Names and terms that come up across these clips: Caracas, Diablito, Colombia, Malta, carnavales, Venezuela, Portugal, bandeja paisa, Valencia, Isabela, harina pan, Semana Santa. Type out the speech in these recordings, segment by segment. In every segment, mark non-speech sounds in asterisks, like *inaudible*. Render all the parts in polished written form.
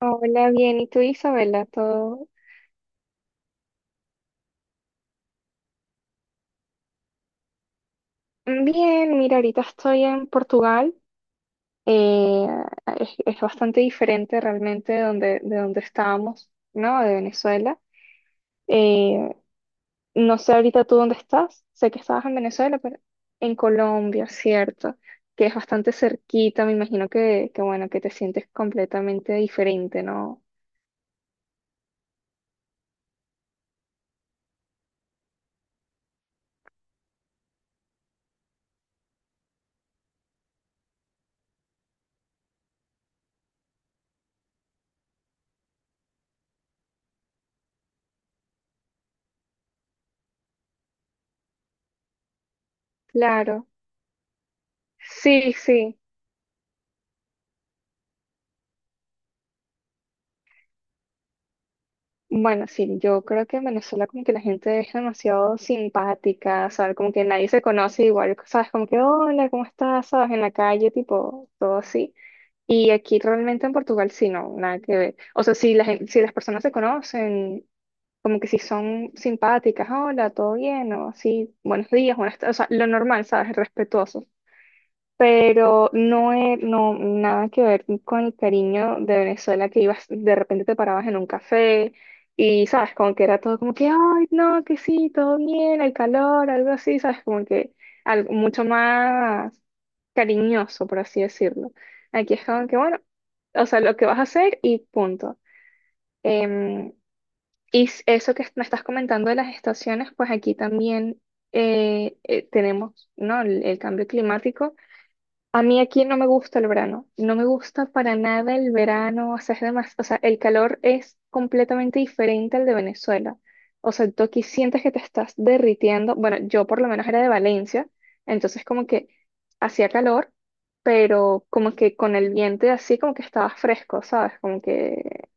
Hola, bien. ¿Y tú, Isabela? ¿Todo bien? Mira, ahorita estoy en Portugal. Eh, es bastante diferente realmente de donde estábamos, ¿no? De Venezuela. Eh, no sé ahorita tú dónde estás. Sé que estabas en Venezuela, pero en Colombia, ¿cierto? Que es bastante cerquita. Me imagino que bueno, que te sientes completamente diferente, ¿no? Claro. Sí, sí. Bueno, sí, yo creo que en Venezuela como que la gente es demasiado simpática, ¿sabes? Como que nadie se conoce igual, ¿sabes? Como que, hola, ¿cómo estás? ¿Sabes? En la calle, tipo, todo así. Y aquí realmente en Portugal sí, no, nada que ver. O sea, si, si las personas se conocen, como que si son simpáticas, hola, todo bien, o así, buenos días, buenas tardes, o sea, lo normal, ¿sabes? Respetuoso, pero no, no nada que ver con el cariño de Venezuela, que ibas, de repente te parabas en un café y, sabes, como que era todo como que, ay, no, que sí, todo bien, el calor, algo así, sabes, como que algo mucho más cariñoso, por así decirlo. Aquí es como que, bueno, o sea, lo que vas a hacer y punto. Em, y eso que me estás comentando de las estaciones, pues aquí también tenemos, ¿no?, el cambio climático. A mí aquí no me gusta el verano, no me gusta para nada el verano, o sea, es o sea, el calor es completamente diferente al de Venezuela. O sea, tú aquí sientes que te estás derritiendo. Bueno, yo por lo menos era de Valencia, entonces como que hacía calor, pero como que con el viento y así como que estaba fresco, ¿sabes? Como que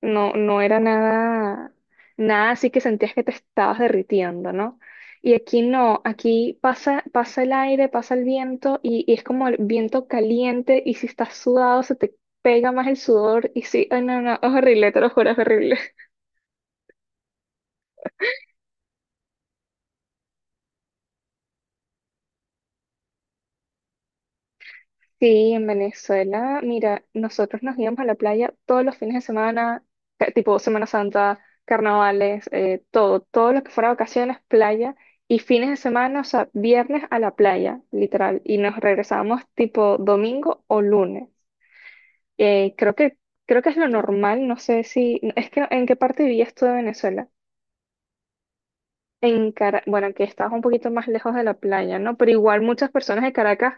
no, no era nada, nada así que sentías que te estabas derritiendo, ¿no? Y aquí no, aquí pasa, pasa el aire, pasa el viento y es como el viento caliente y si estás sudado se te pega más el sudor y sí, ay no, no, es horrible, te lo juro, es horrible. Sí, en Venezuela, mira, nosotros nos íbamos a la playa todos los fines de semana, tipo Semana Santa, carnavales, todo, todo lo que fuera vacaciones, playa y fines de semana, o sea, viernes a la playa, literal, y nos regresábamos tipo domingo o lunes. Eh, creo que, creo que es lo normal, no sé si, no, es que en qué parte vivías tú de Venezuela. Bueno, que estabas un poquito más lejos de la playa, ¿no? Pero igual muchas personas de Caracas.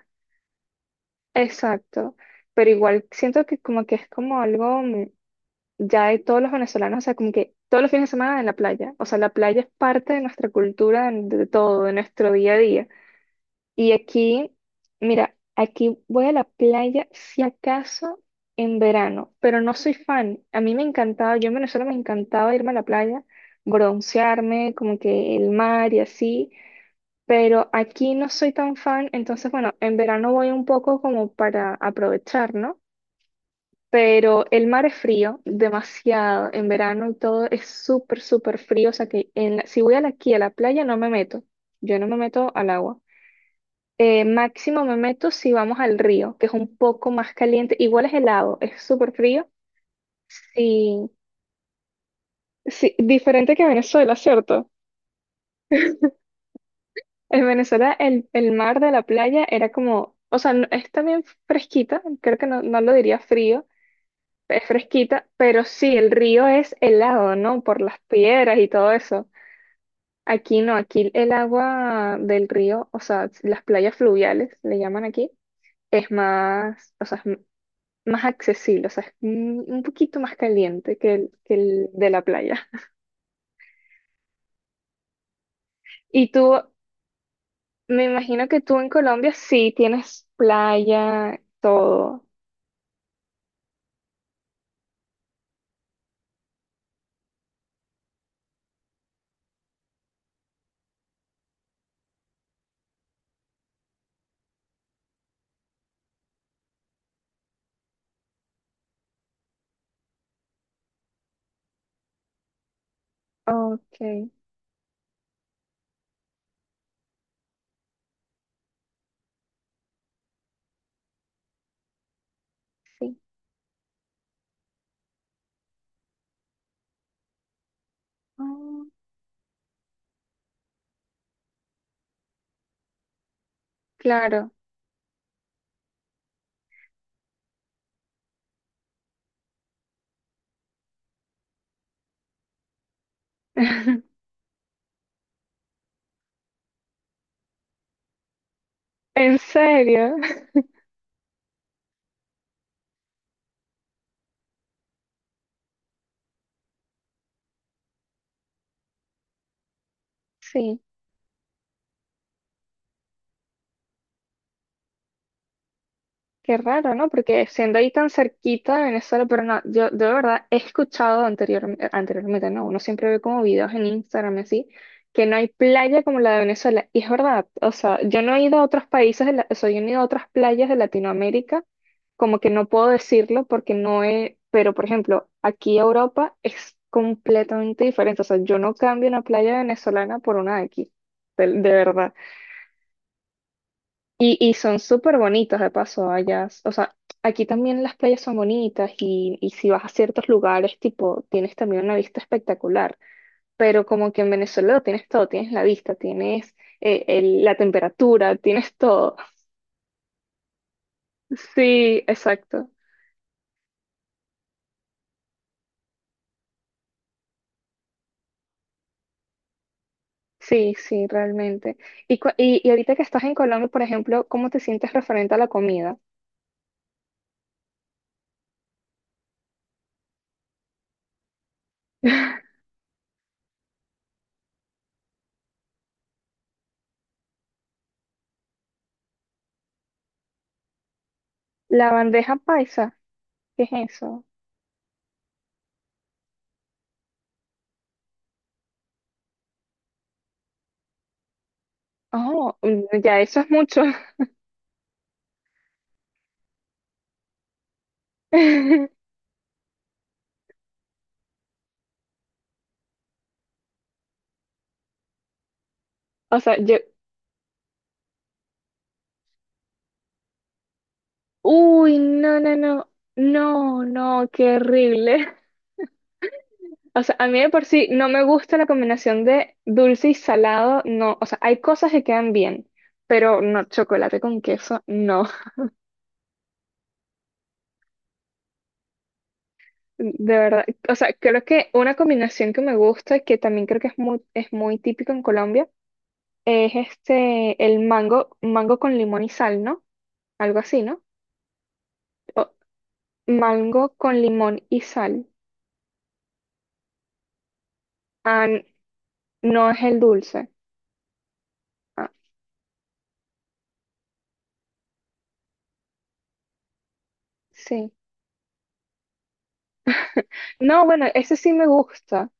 Exacto, pero igual siento que como que es como algo ya de todos los venezolanos, o sea, como que todos los fines de semana en la playa, o sea, la playa es parte de nuestra cultura, de todo, de nuestro día a día. Y aquí, mira, aquí voy a la playa si acaso en verano, pero no soy fan. A mí me encantaba, yo en Venezuela me encantaba irme a la playa, broncearme, como que el mar y así, pero aquí no soy tan fan, entonces bueno, en verano voy un poco como para aprovechar, ¿no? Pero el mar es frío, demasiado, en verano y todo es súper, súper frío, o sea que si aquí a la playa no me meto, yo no me meto al agua. Máximo me meto si vamos al río, que es un poco más caliente, igual es helado, es súper frío, sí, sí, diferente que Venezuela, ¿cierto? En Venezuela el mar de la playa era como, o sea, es también fresquita, creo que no, no lo diría frío, es fresquita, pero sí, el río es helado, ¿no? Por las piedras y todo eso. Aquí no, aquí el agua del río, o sea, las playas fluviales, le llaman aquí, es más, o sea, es más accesible, o sea, es un poquito más caliente que el de la playa. *laughs* Y tú, me imagino que tú en Colombia sí tienes playa, todo. Ok, sí. Ah, claro. *laughs* ¿En serio? Sí, qué raro, ¿no? Porque siendo ahí tan cerquita de Venezuela, pero no, yo de verdad he escuchado anteriormente, ¿no?, uno siempre ve como videos en Instagram y así, que no hay playa como la de Venezuela. Y es verdad, o sea, yo no he ido a otros países, o sea, yo no he ido a otras playas de Latinoamérica, como que no puedo decirlo porque no es, pero por ejemplo, aquí Europa es completamente diferente. O sea, yo no cambio una playa venezolana por una de aquí, de verdad. Y son súper bonitas de paso allá. O sea, aquí también las playas son bonitas y si vas a ciertos lugares, tipo, tienes también una vista espectacular. Pero como que en Venezuela lo tienes todo, tienes la vista, tienes la temperatura, tienes todo. *laughs* Sí, exacto. Sí, sí, realmente. Y, y ahorita que estás en Colombia, por ejemplo, ¿cómo te sientes referente a la comida? *laughs* La bandeja paisa, ¿qué es eso? Oh, mm, ya eso es mucho. *laughs* O sea, yo, uy, no, no, no, no, no, qué horrible. *laughs* O sea, a mí de por sí no me gusta la combinación de dulce y salado, no. O sea, hay cosas que quedan bien, pero no, chocolate con queso, no. De verdad, o sea, creo que una combinación que me gusta, que también creo que es muy típico en Colombia, es este, el mango, mango con limón y sal, ¿no? Algo así, ¿no? O mango con limón y sal. Ah, n- no es el dulce. Ah, sí. No, bueno, ese sí me gusta.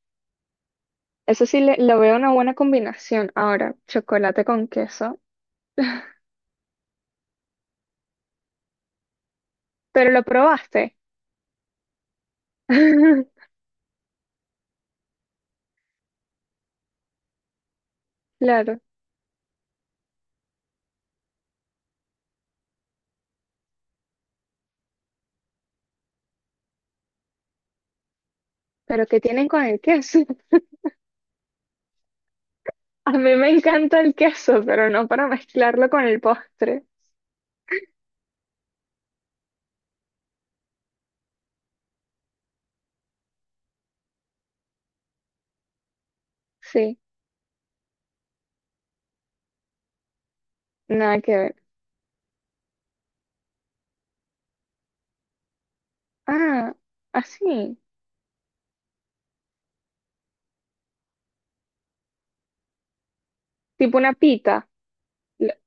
Eso sí le, lo veo una buena combinación. Ahora, chocolate con queso. Pero lo probaste. *laughs* Claro. ¿Pero qué tienen con el queso? *laughs* A mí me encanta el queso, pero no para mezclarlo con el postre. Sí, nada que ver. Ah, así, tipo una pita. L-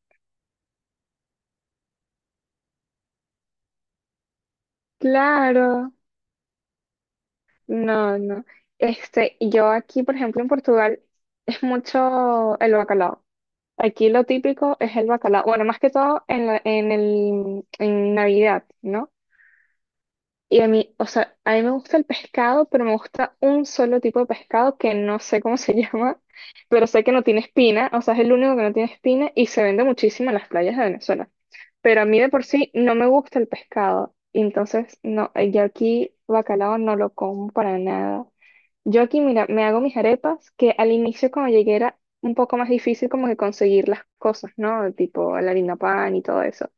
claro, no, no. Este, yo aquí, por ejemplo, en Portugal, es mucho el bacalao. Aquí lo típico es el bacalao. Bueno, más que todo en en el, en Navidad, ¿no? Y a mí, o sea, a mí me gusta el pescado, pero me gusta un solo tipo de pescado que no sé cómo se *laughs* llama, pero sé que no tiene espina, o sea, es el único que no tiene espina y se vende muchísimo en las playas de Venezuela. Pero a mí de por sí no me gusta el pescado, y entonces no, yo aquí bacalao no lo como para nada. Yo aquí, mira, me hago mis arepas, que al inicio cuando llegué era un poco más difícil como que conseguir las cosas, ¿no? Tipo la harina pan y todo eso.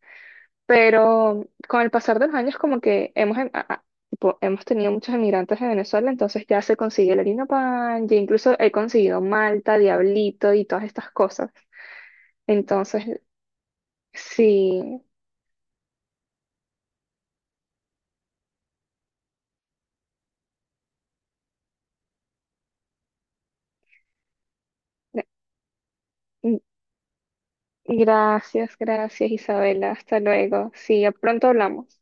Pero con el pasar de los años, como que hemos, tipo, hemos tenido muchos emigrantes de Venezuela, entonces ya se consigue el harina pan, ya incluso he conseguido Malta, Diablito y todas estas cosas. Entonces, sí, gra- gracias, gracias Isabela, hasta luego. Sí, ya pronto hablamos.